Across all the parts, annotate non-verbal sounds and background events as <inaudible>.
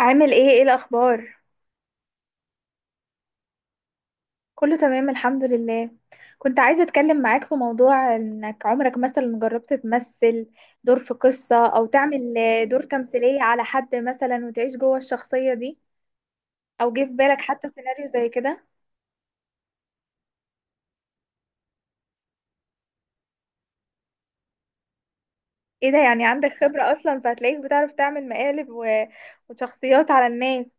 عامل ايه؟ ايه الاخبار؟ كله تمام، الحمد لله. كنت عايزه اتكلم معاك في موضوع، انك عمرك مثلا جربت تمثل دور في قصه، او تعمل دور تمثيليه على حد مثلا وتعيش جوه الشخصيه دي، او جه في بالك حتى سيناريو زي كده؟ ايه ده، يعني عندك خبره اصلا، فهتلاقيك بتعرف تعمل مقالب وشخصيات على الناس.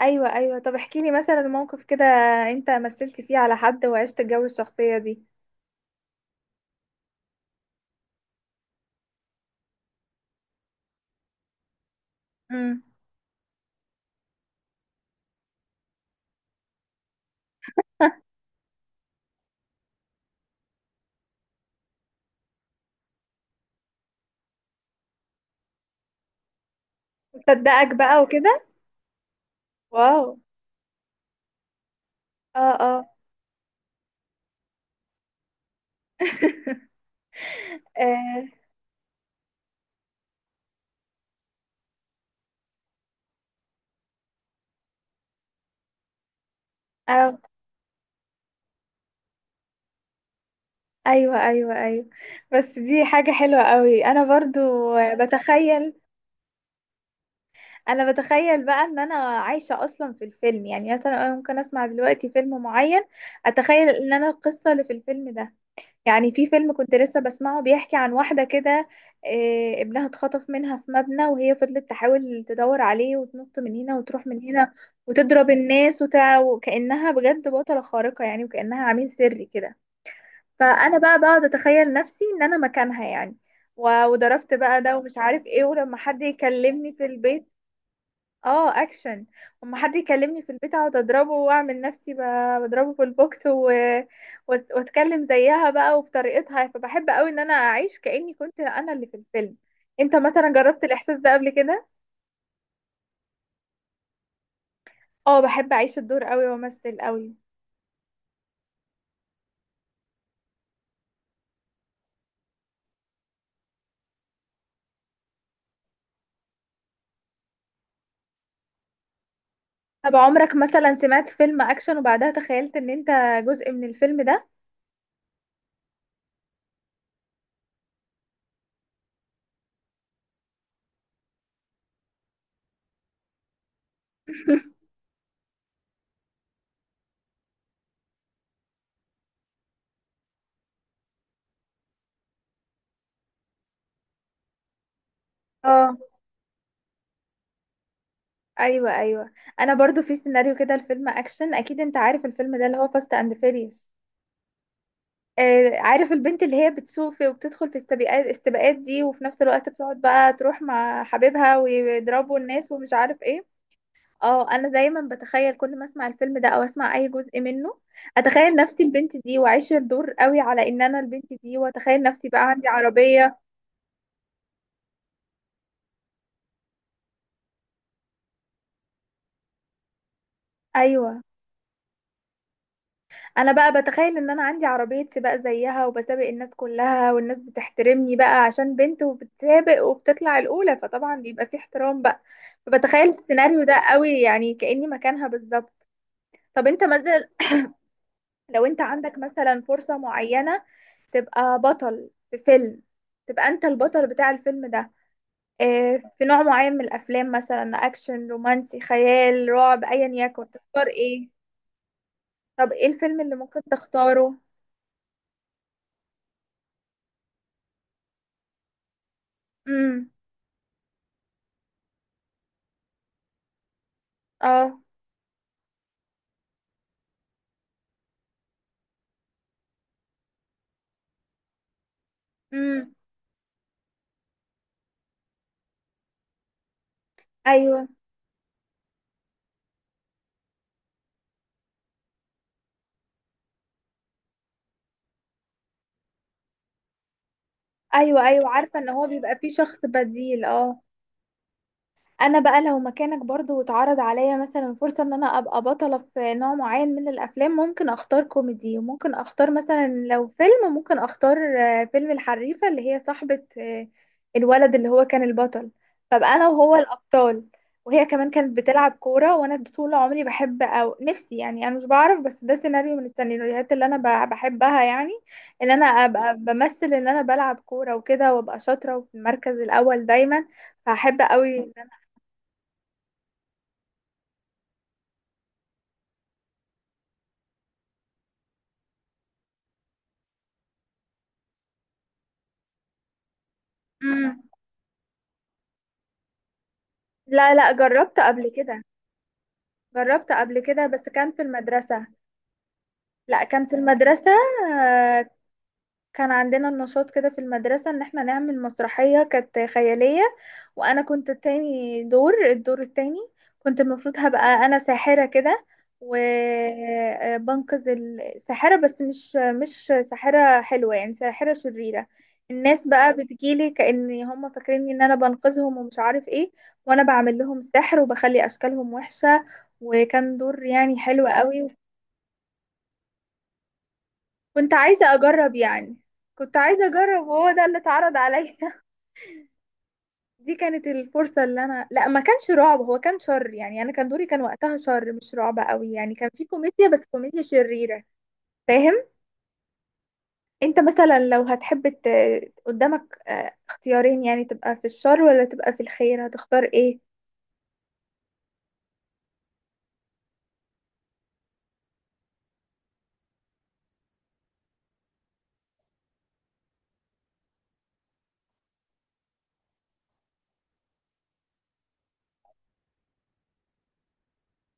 ايوه ايوه، طب احكي لي مثلا موقف كده انت مثلت فيه على حد وعشت جو الشخصيه دي. امم. <laughs> مصدقك بقى وكده. واو. اه. آه. آه، أو أيوة أيوة أيوة، بس دي حاجة حلوة قوي. أنا برضو بتخيل، أنا بتخيل بقى إن أنا عايشة أصلا في الفيلم، يعني مثلا أنا ممكن أسمع دلوقتي فيلم معين، أتخيل إن أنا القصة اللي في الفيلم ده. يعني في فيلم كنت لسه بسمعه بيحكي عن واحدة كده، آه، ابنها اتخطف منها في مبنى وهي فضلت تحاول تدور عليه وتنط من هنا وتروح من هنا وتضرب الناس وكأنها بجد بطلة خارقة يعني، وكأنها عميل سري كده. فانا بقى بقعد اتخيل نفسي ان انا مكانها يعني، و- وضربت بقى ده ومش عارف ايه، ولما حد يكلمني في البيت. اه، اكشن. لما حد يكلمني في البيت اقعد اضربه واعمل نفسي ب- بضربه في البوكس وأس- واتكلم زيها بقى وبطريقتها. فبحب قوي ان انا اعيش كاني كنت انا اللي في الفيلم. انت مثلا جربت الاحساس ده قبل كده؟ اه، بحب اعيش الدور قوي وامثل قوي. طب عمرك مثلا سمعت فيلم اكشن وبعدها تخيلت ان انت جزء من الفيلم ده؟ <laughs> اه. ايوه ايوه، انا برضو في سيناريو كده، الفيلم اكشن، اكيد انت عارف الفيلم ده، اللي هو فاست اند فيريوس. آه عارف البنت اللي هي بتسوق في وبتدخل في السباقات دي، وفي نفس الوقت بتقعد بقى تروح مع حبيبها ويضربوا الناس ومش عارف ايه. اه، انا دايما بتخيل كل ما اسمع الفيلم ده او اسمع اي جزء منه، اتخيل نفسي البنت دي واعيش الدور قوي على ان انا البنت دي، واتخيل نفسي بقى عندي عربية. ايوه. انا بقى بتخيل ان انا عندي عربية سباق زيها، وبسابق الناس كلها، والناس بتحترمني بقى عشان بنت وبتسابق وبتطلع الاولى، فطبعا بيبقى في احترام بقى. فبتخيل السيناريو ده قوي يعني، كأني مكانها بالظبط. طب انت مثلا، لو انت عندك مثلا فرصة معينة تبقى بطل في فيلم، تبقى انت البطل بتاع الفيلم ده، آه، في نوع معين من الافلام، مثلا اكشن رومانسي خيال رعب، ايا يكن، تختار ايه؟ طب ايه الفيلم اللي ممكن تختاره؟ امم. اه. امم. ايوه ايوه ايوه، عارفه ان هو بيبقى فيه شخص بديل، اه. انا بقى لو مكانك برضو واتعرض عليا مثلا فرصة ان انا ابقى بطلة في نوع معين من الافلام، ممكن اختار كوميدي، وممكن اختار مثلا لو فيلم، ممكن اختار آه، فيلم الحريفة، اللي هي صاحبة آه، الولد اللي هو كان البطل، فبقى انا وهو الابطال، وهي كمان كانت بتلعب كورة، وانا طول عمري بحب، او نفسي يعني، انا مش بعرف بس ده سيناريو من السيناريوهات اللي انا ب- بحبها يعني، ان انا ابقى بمثل ان انا بلعب كورة وكده، وابقى شاطرة وفي المركز الاول دايما، فهحب قوي. مم. لا لا، جربت قبل كده. جربت قبل كده بس كان في المدرسة. لا كان في المدرسة. كان عندنا النشاط كده في المدرسة، ان احنا نعمل مسرحية كانت خيالية، وانا كنت التاني دور، الدور التاني. كنت المفروض هبقى انا ساحرة كده، وبنقذ الساحرة، بس مش ساحرة حلوة، يعني ساحرة شريرة. الناس بقى بتجيلي كأن هم فاكريني ان انا بنقذهم ومش عارف ايه، وانا بعمل لهم سحر وبخلي اشكالهم وحشة. وكان دور يعني حلو قوي. كنت عايزة أجرب يعني، كنت عايزة أجرب وهو ده اللي اتعرض عليا. <laughs> دي كانت الفرصة اللي أنا، لا ما كانش رعب، هو كان شر، يعني أنا كان دوري كان وقتها شر، مش رعب قوي يعني، كان في كوميديا بس كوميديا شريرة. فاهم؟ أنت مثلا لو هتحب قدامك آه، اختيارين، يعني تبقى في الشر ولا تبقى في الخير، هتختار إيه؟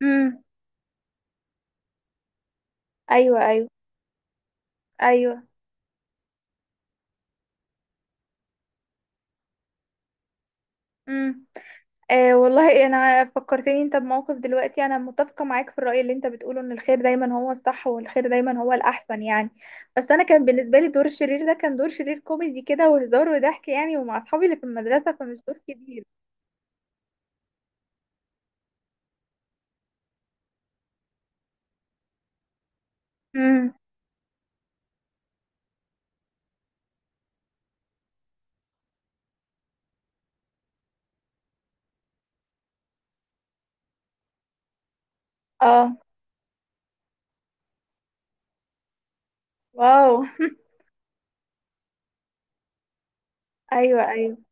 امم. أيوه أيوه أيوه. امم. آه والله، انا فكرتني انت بموقف دلوقتي، انا متفقه معاك في الراي اللي انت بتقوله، ان الخير دايما هو الصح، والخير دايما هو الاحسن يعني. بس انا كان بالنسبه لي دور الشرير ده كان دور شرير كوميدي كده، وهزار وضحك يعني، ومع اصحابي اللي في المدرسه، فمش دور كبير. امم. اه. واو. <laughs> ايوه ايوه.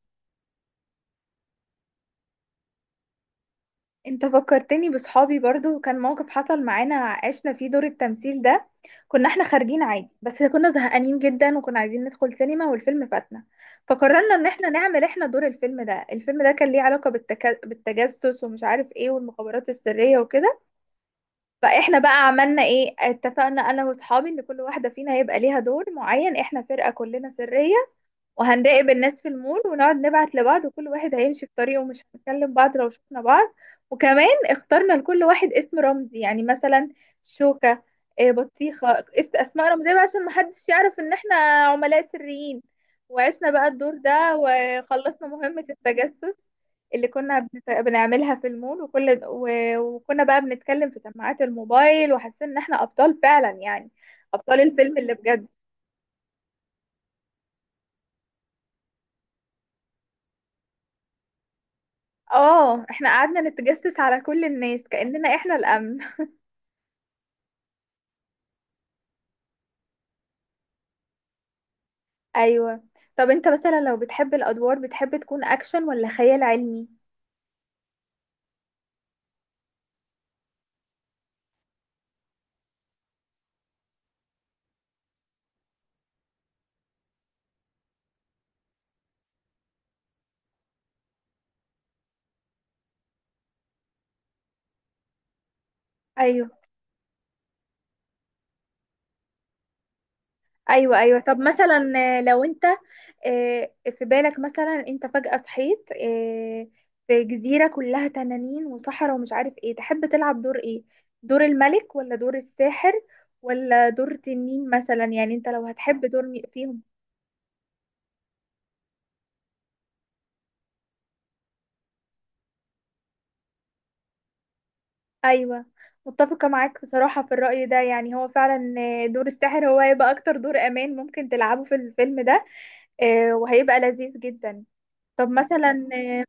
انت فكرتني بصحابي برضو، وكان موقف حصل معانا عشنا فيه دور التمثيل ده. كنا احنا خارجين عادي، بس كنا زهقانين جدا وكنا عايزين ندخل سينما والفيلم فاتنا. فقررنا ان احنا نعمل احنا دور الفيلم ده. الفيلم ده كان ليه علاقة بالتجسس ومش عارف ايه، والمخابرات السرية وكده. فاحنا بقى عملنا ايه، اتفقنا انا واصحابي ان كل واحدة فينا هيبقى ليها دور معين، احنا فرقة كلنا سرية، وهنراقب الناس في المول، ونقعد نبعت لبعض، وكل واحد هيمشي في طريقه ومش هنكلم بعض لو شفنا بعض. وكمان اخترنا لكل واحد اسم رمزي، يعني مثلا شوكة، آه، بطيخة، اس- اسماء رمزية بقى، عشان محدش يعرف ان احنا عملاء سريين. وعشنا بقى الدور ده، وخلصنا مهمة التجسس اللي كنا بنت- بنعملها في المول، وكل و- وكنا بقى بنتكلم في سماعات الموبايل، وحسينا ان احنا ابطال فعلا يعني، ابطال الفيلم اللي بجد. اه، احنا قعدنا نتجسس على كل الناس كأننا احنا الأمن. ايوه. طب انت مثلا لو بتحب الأدوار، بتحب تكون أكشن ولا خيال علمي؟ ايوه ايوه ايوه. طب مثلا آه، لو انت آه، في بالك مثلا انت فجأة صحيت آه، في جزيرة كلها تنانين وصحراء ومش عارف ايه، تحب تلعب دور ايه؟ دور الملك ولا دور الساحر ولا دور تنين مثلا، يعني انت لو هتحب دور فيهم. ايوه. متفقه معاك بصراحه في الراي ده، يعني هو فعلا آه، دور الساحر هو هيبقى اكتر دور امان ممكن تلعبه في الفيلم ده، آه، وهيبقى لذيذ جدا. طب مثلا آه،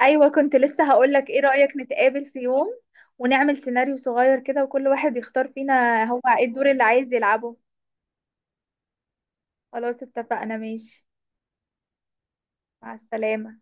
ايوه كنت لسه هقولك، ايه رايك نتقابل في يوم ونعمل سيناريو صغير كده، وكل واحد يختار فينا هو ايه الدور اللي عايز يلعبه. خلاص اتفقنا، ماشي. مع السلامه.